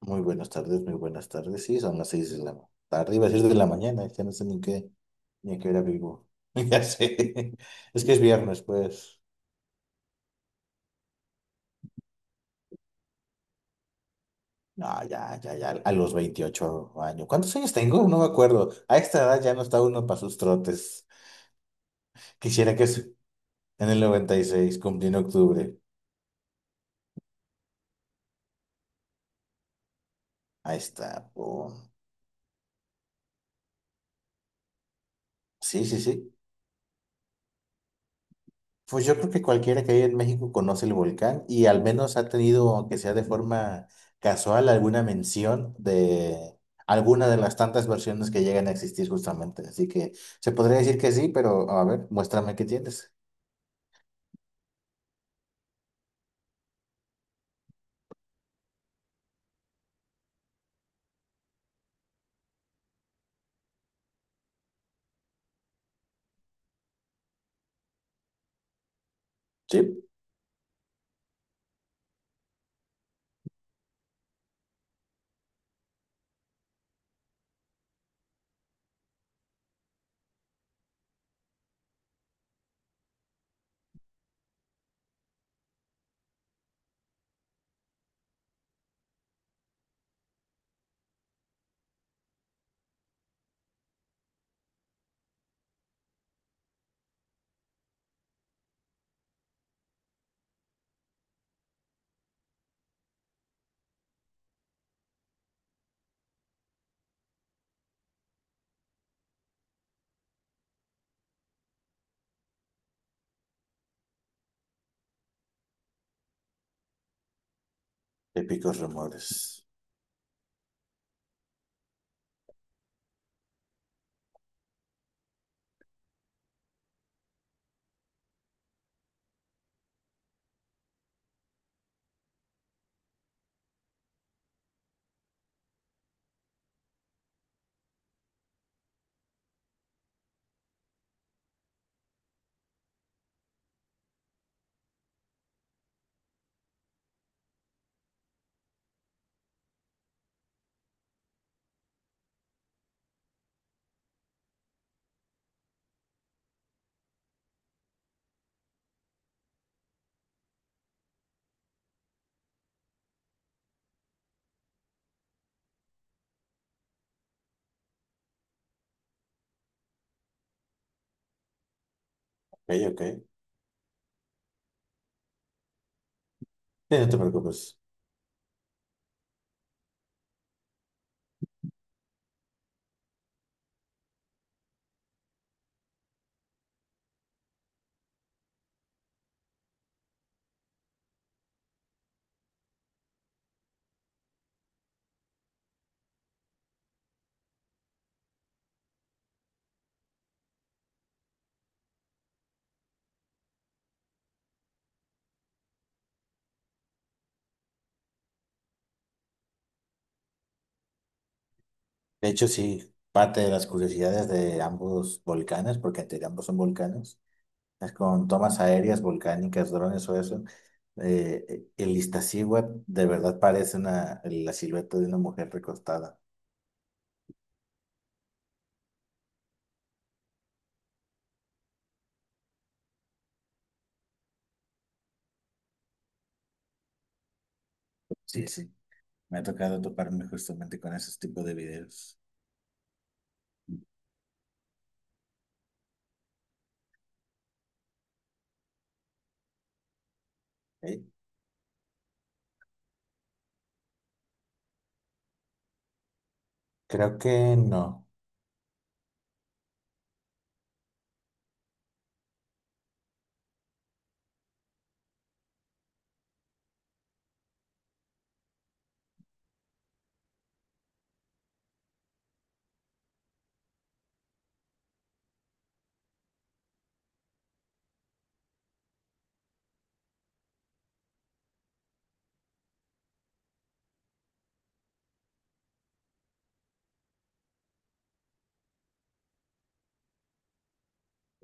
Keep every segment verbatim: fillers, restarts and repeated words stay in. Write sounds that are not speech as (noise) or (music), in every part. Muy buenas tardes, muy buenas tardes. Sí, son las seis de la tarde, iba a decir de la mañana, ya no sé ni qué, ni a qué hora vivo. (laughs) Ya sé, es que es viernes, pues. No, ya, ya, ya, a los veintiocho años. ¿Cuántos años tengo? No me acuerdo. A esta edad ya no está uno para sus trotes. Quisiera que es en el noventa y seis cumplí en octubre. Ahí está. Pum. Sí, sí, sí. Pues yo creo que cualquiera que haya en México conoce el volcán y al menos ha tenido, aunque sea de forma casual, alguna mención de alguna de las tantas versiones que llegan a existir justamente. Así que se podría decir que sí, pero a ver, muéstrame qué tienes. Sí, épicos rumores. Ok, ok. Sí, no te preocupes. De hecho, sí, parte de las curiosidades de ambos volcanes, porque entre ambos son volcanes con tomas aéreas, volcánicas, drones o eso. Eh, eh, el Iztaccíhuatl de verdad parece una, la silueta de una mujer recostada. Sí, sí, me ha tocado toparme justamente con esos tipos de videos. ¿Ok? Creo que no.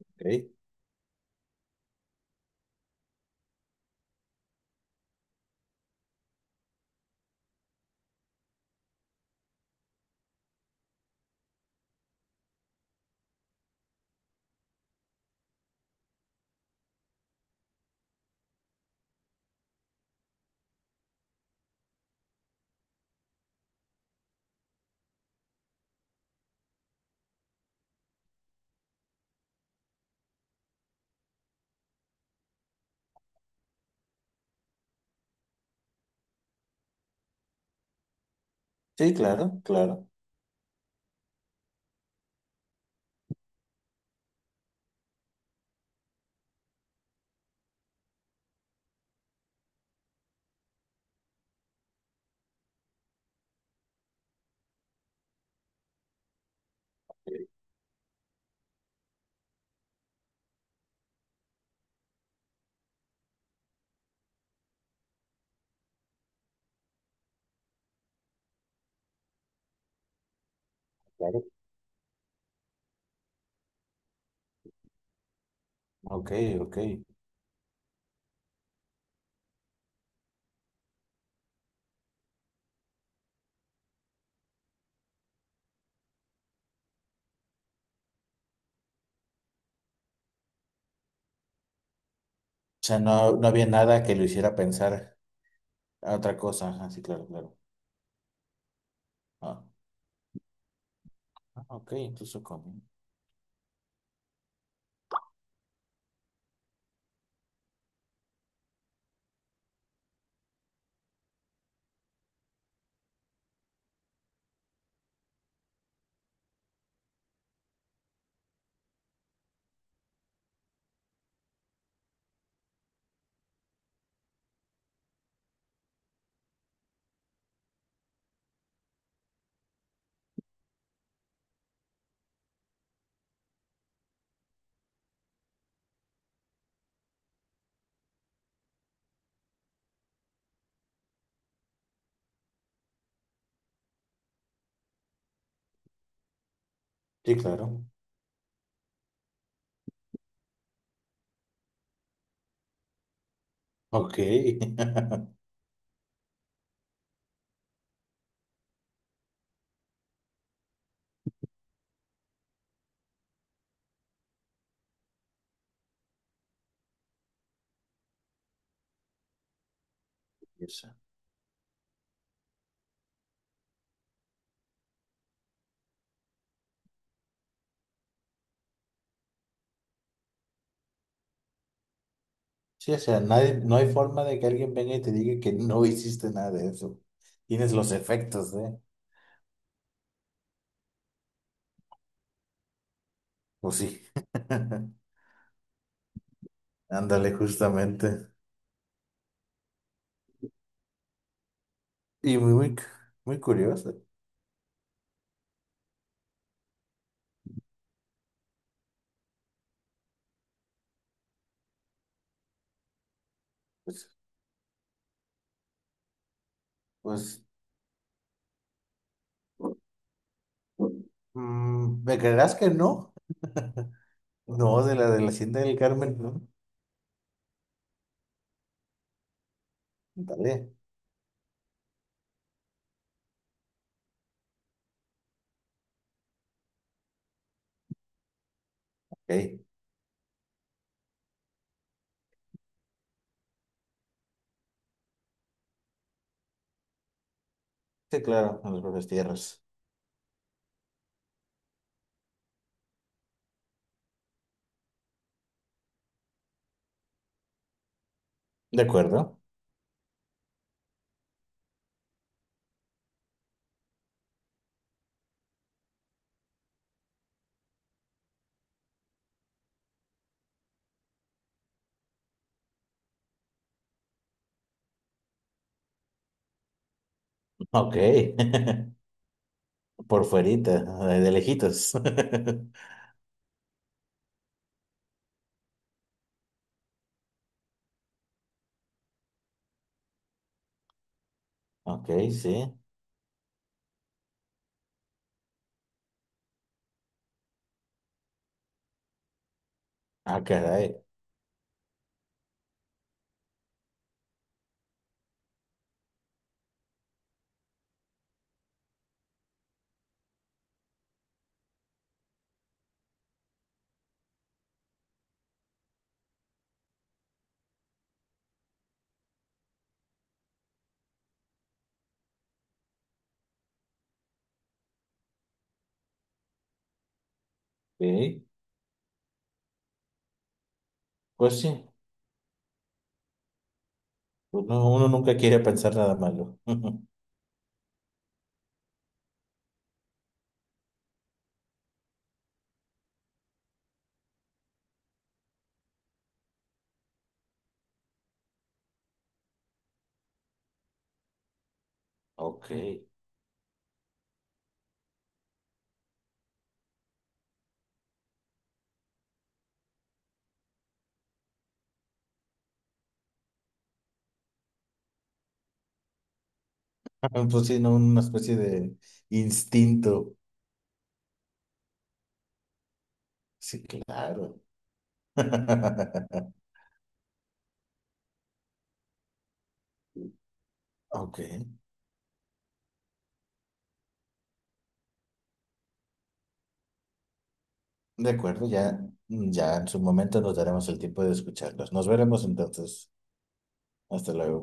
¿Ok? Sí, claro, claro. Sí, claro. Ok, ok. O sea, no, no había nada que lo hiciera pensar a otra cosa. Ajá, sí, claro, claro. Ah, ah, ok, incluso comí. Sí, claro. Ok. (laughs) Eso. Sí, o sea, nadie, no hay forma de que alguien venga y te diga que no hiciste nada de eso. Tienes los efectos, ¿eh? Pues sí. (laughs) Ándale, justamente. Y muy, muy, cu- muy curioso. Pues, pues mm, ¿me creerás que no? No, de la de la Hacienda del Carmen, no. Dale. Ok. Sí, claro, en las propias tierras. De acuerdo. Ok. (laughs) Por fuerita, de lejitos. (laughs) Ok, sí. Ah, caray. Sí. Pues sí. Uno, uno nunca quiere pensar nada malo. (laughs) Ok, pues sí, ¿no? Una especie de instinto. Sí, claro. (laughs) Ok, de acuerdo, ya, ya en su momento nos daremos el tiempo de escucharlos. Nos veremos entonces. Hasta luego.